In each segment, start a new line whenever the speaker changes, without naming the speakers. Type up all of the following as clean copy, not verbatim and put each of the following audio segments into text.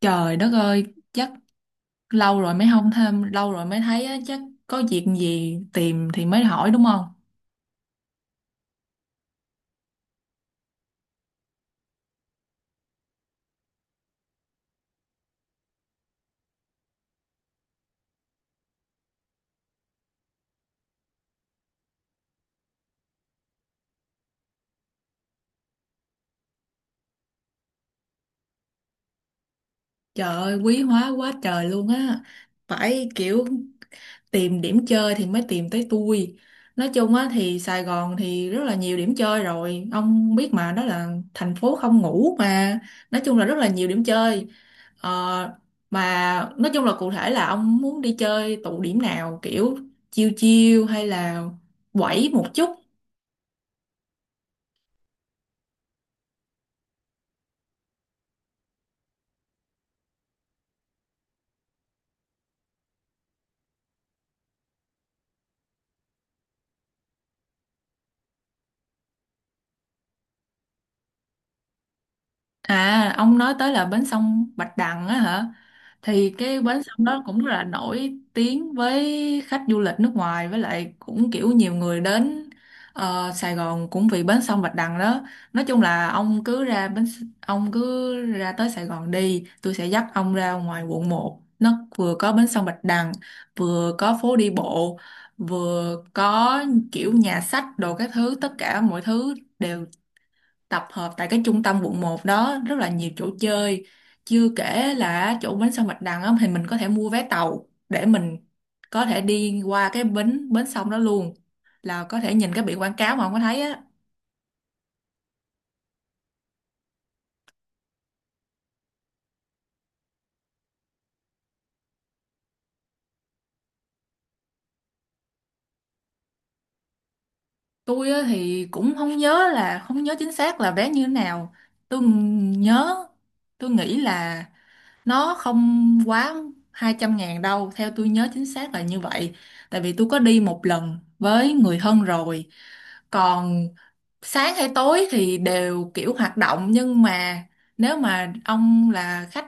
Trời đất ơi, chắc lâu rồi mới không thêm, lâu rồi mới thấy á, chắc có việc gì tìm thì mới hỏi đúng không? Trời ơi, quý hóa quá trời luôn á. Phải kiểu tìm điểm chơi thì mới tìm tới tôi. Nói chung á thì Sài Gòn thì rất là nhiều điểm chơi rồi. Ông biết mà, đó là thành phố không ngủ mà. Nói chung là rất là nhiều điểm chơi. Ờ, mà nói chung là cụ thể là ông muốn đi chơi tụ điểm nào, kiểu chiêu chiêu hay là quẩy một chút. À, ông nói tới là bến sông Bạch Đằng á hả? Thì cái bến sông đó cũng rất là nổi tiếng với khách du lịch nước ngoài, với lại cũng kiểu nhiều người đến Sài Gòn cũng vì bến sông Bạch Đằng đó. Nói chung là ông cứ ra ông cứ ra tới Sài Gòn đi, tôi sẽ dắt ông ra ngoài quận 1. Nó vừa có bến sông Bạch Đằng, vừa có phố đi bộ, vừa có kiểu nhà sách đồ các thứ, tất cả mọi thứ đều tập hợp tại cái trung tâm quận 1 đó, rất là nhiều chỗ chơi. Chưa kể là chỗ bến sông Bạch Đằng á, thì mình có thể mua vé tàu để mình có thể đi qua cái bến bến sông đó luôn, là có thể nhìn cái biển quảng cáo mà không có thấy á. Tôi á, thì cũng không nhớ chính xác là vé như thế nào. tôi nhớ tôi nghĩ là nó không quá 200.000 đâu, theo tôi nhớ chính xác là như vậy. Tại vì tôi có đi một lần với người thân rồi. Còn sáng hay tối thì đều kiểu hoạt động, nhưng mà nếu mà ông là khách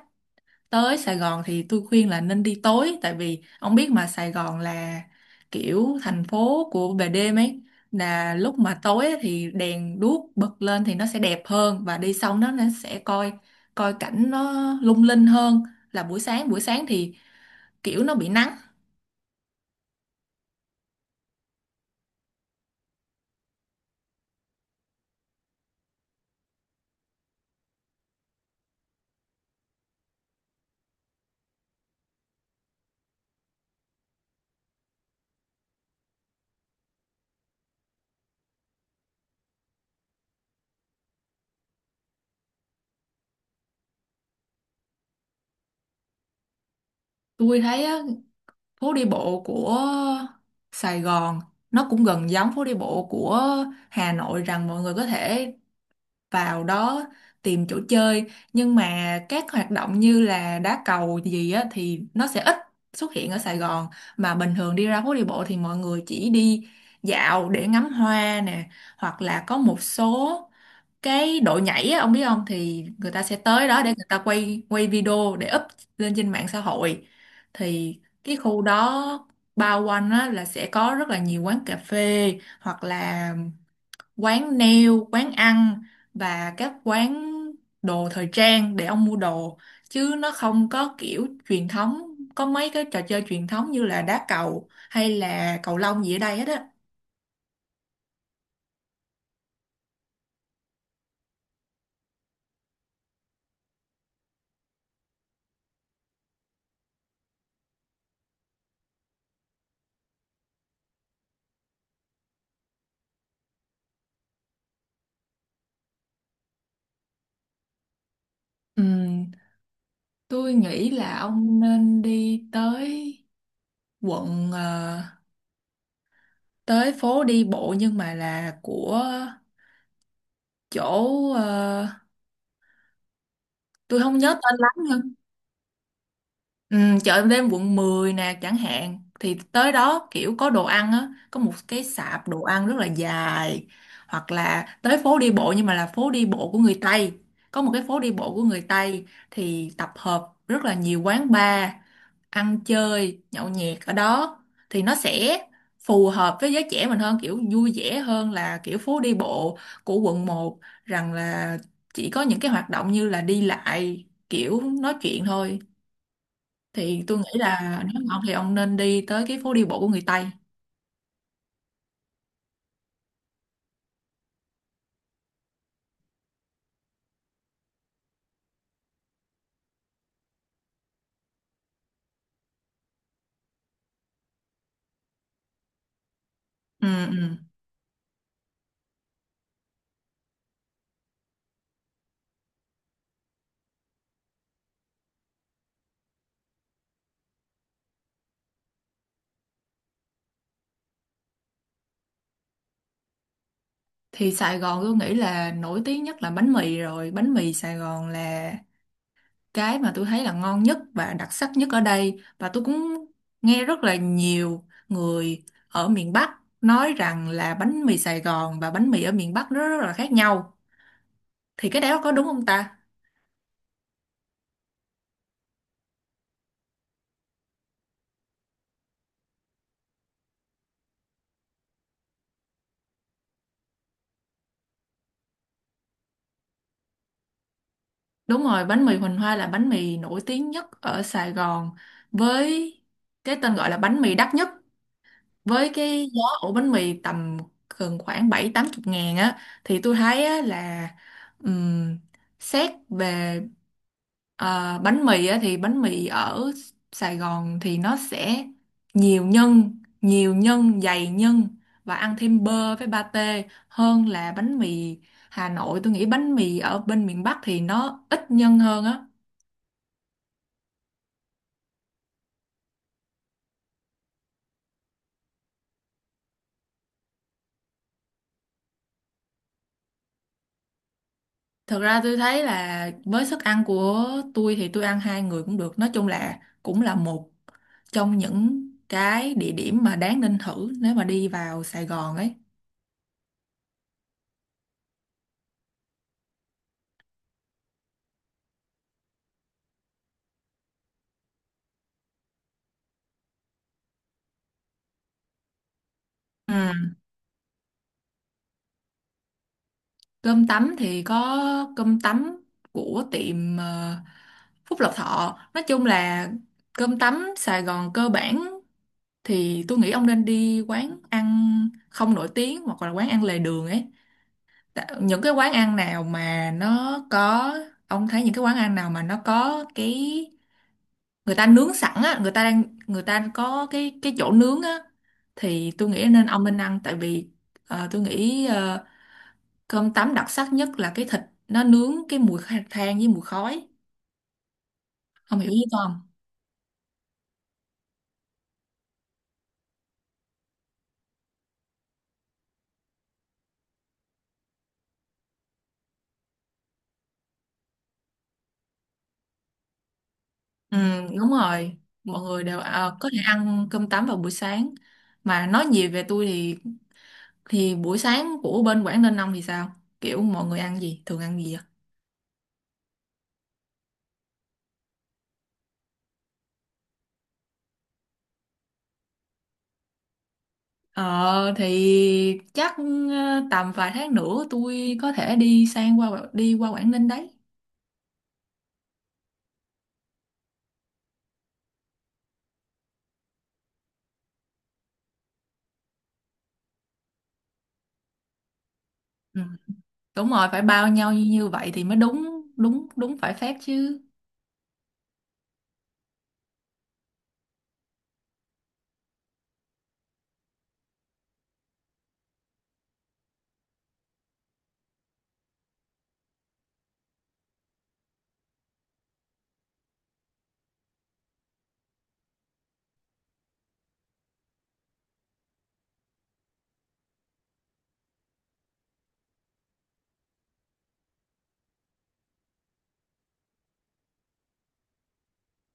tới Sài Gòn thì tôi khuyên là nên đi tối, tại vì ông biết mà, Sài Gòn là kiểu thành phố của về đêm ấy, là lúc mà tối ấy thì đèn đuốc bật lên thì nó sẽ đẹp hơn, và đi xong đó nó sẽ coi coi cảnh nó lung linh hơn là buổi sáng. Buổi sáng thì kiểu nó bị nắng. Tôi thấy phố đi bộ của Sài Gòn nó cũng gần giống phố đi bộ của Hà Nội, rằng mọi người có thể vào đó tìm chỗ chơi, nhưng mà các hoạt động như là đá cầu gì á thì nó sẽ ít xuất hiện ở Sài Gòn. Mà bình thường đi ra phố đi bộ thì mọi người chỉ đi dạo để ngắm hoa nè, hoặc là có một số cái độ nhảy á, ông biết không, thì người ta sẽ tới đó để người ta quay quay video để up lên trên mạng xã hội. Thì cái khu đó bao quanh á, là sẽ có rất là nhiều quán cà phê, hoặc là quán nail, quán ăn và các quán đồ thời trang để ông mua đồ, chứ nó không có kiểu truyền thống, có mấy cái trò chơi truyền thống như là đá cầu hay là cầu lông gì ở đây hết á. Ừm, tôi nghĩ là ông nên đi tới quận tới phố đi bộ nhưng mà là của chỗ ờ, tôi không nhớ tên lắm, nhưng ừ, chợ đêm quận 10 nè chẳng hạn, thì tới đó kiểu có đồ ăn á, có một cái sạp đồ ăn rất là dài. Hoặc là tới phố đi bộ nhưng mà là phố đi bộ của người Tây. Có một cái phố đi bộ của người Tây thì tập hợp rất là nhiều quán bar, ăn chơi nhậu nhẹt ở đó, thì nó sẽ phù hợp với giới trẻ mình hơn, kiểu vui vẻ hơn là kiểu phố đi bộ của quận 1, rằng là chỉ có những cái hoạt động như là đi lại kiểu nói chuyện thôi. Thì tôi nghĩ là nếu mà ông thì ông nên đi tới cái phố đi bộ của người Tây. Ừ, ừ. Thì Sài Gòn tôi nghĩ là nổi tiếng nhất là bánh mì rồi, bánh mì Sài Gòn là cái mà tôi thấy là ngon nhất và đặc sắc nhất ở đây, và tôi cũng nghe rất là nhiều người ở miền Bắc nói rằng là bánh mì Sài Gòn và bánh mì ở miền Bắc nó rất là khác nhau. Thì cái đó có đúng không ta? Đúng rồi, bánh mì Huỳnh Hoa là bánh mì nổi tiếng nhất ở Sài Gòn, với cái tên gọi là bánh mì đắt nhất, với cái giá ổ bánh mì tầm gần khoảng bảy tám chục ngàn á. Thì tôi thấy á, là ừm, xét về bánh mì á, thì bánh mì ở Sài Gòn thì nó sẽ nhiều nhân dày nhân và ăn thêm bơ với pate hơn là bánh mì Hà Nội. Tôi nghĩ bánh mì ở bên miền Bắc thì nó ít nhân hơn á. Thật ra tôi thấy là với sức ăn của tôi thì tôi ăn hai người cũng được. Nói chung là cũng là một trong những cái địa điểm mà đáng nên thử nếu mà đi vào Sài Gòn ấy. Ừ. Cơm tấm thì có cơm tấm của tiệm Phúc Lộc Thọ. Nói chung là cơm tấm Sài Gòn cơ bản thì tôi nghĩ ông nên đi quán ăn không nổi tiếng hoặc là quán ăn lề đường ấy. Tạ- những cái quán ăn nào mà nó có ông thấy những cái quán ăn nào mà nó có cái, người ta nướng sẵn á, người ta có cái chỗ nướng á, thì tôi nghĩ nên ông nên ăn. Tại vì tôi nghĩ cơm tấm đặc sắc nhất là cái thịt nó nướng, cái mùi than với mùi khói, ông hiểu ý tôi không? Ừ đúng rồi, mọi người đều có thể ăn cơm tấm vào buổi sáng, mà nói gì về tôi thì buổi sáng của bên Quảng Ninh ông thì sao, kiểu mọi người ăn gì, thường ăn gì vậy? Ờ thì chắc, tầm vài tháng nữa tôi có thể đi qua Quảng Ninh đấy. Ừ. Đúng rồi, phải bao nhau như như vậy thì mới đúng đúng đúng phải phép chứ.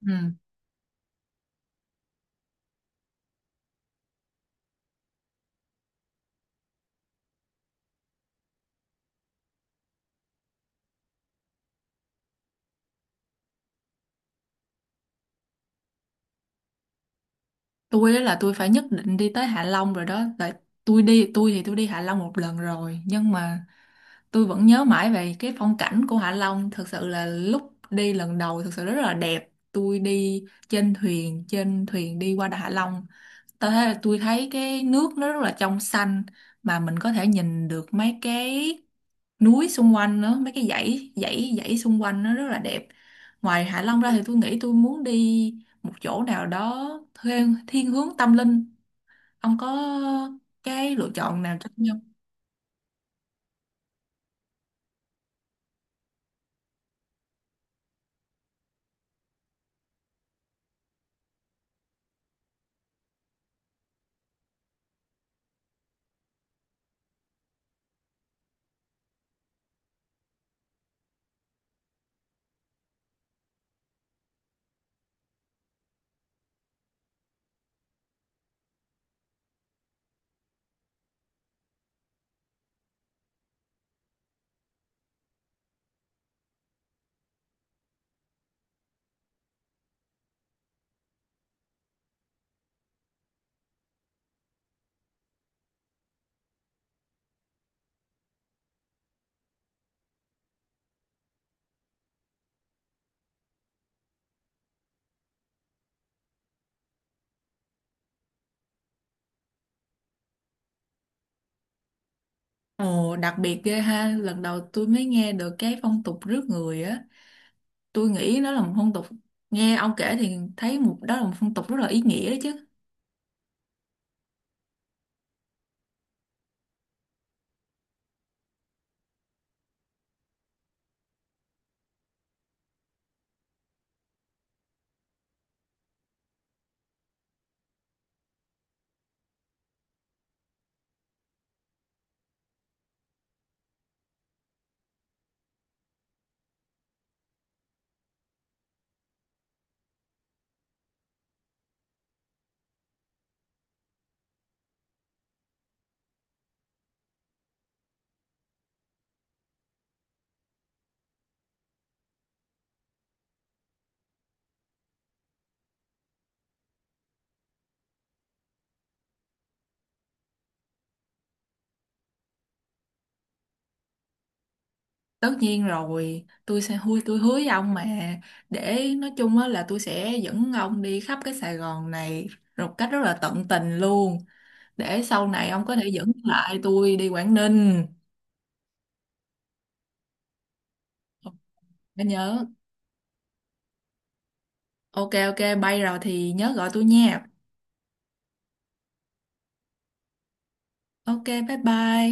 Ừ. Tôi á là tôi phải nhất định đi tới Hạ Long rồi đó. Tại tôi đi Hạ Long một lần rồi, nhưng mà tôi vẫn nhớ mãi về cái phong cảnh của Hạ Long. Thực sự là lúc đi lần đầu thực sự rất là đẹp, tôi đi trên thuyền đi qua Đà Hạ Long. Tôi thấy cái nước nó rất là trong xanh, mà mình có thể nhìn được mấy cái núi xung quanh nữa, mấy cái dãy dãy dãy xung quanh nó rất là đẹp. Ngoài Hạ Long ra thì tôi nghĩ tôi muốn đi một chỗ nào đó thiên hướng tâm linh, ông có cái lựa chọn nào cho tôi không? Ồ, đặc biệt ghê ha, lần đầu tôi mới nghe được cái phong tục rước người á. Tôi nghĩ nó là một phong tục, nghe ông kể thì thấy một đó là một phong tục rất là ý nghĩa đấy chứ. Tất nhiên rồi, tôi hứa với ông mà, để nói chung á là tôi sẽ dẫn ông đi khắp cái Sài Gòn này một cách rất là tận tình luôn, để sau này ông có thể dẫn lại tôi đi Quảng Ninh. Đã nhớ. Ok ok, bay rồi thì nhớ gọi tôi nha. Ok, bye bye.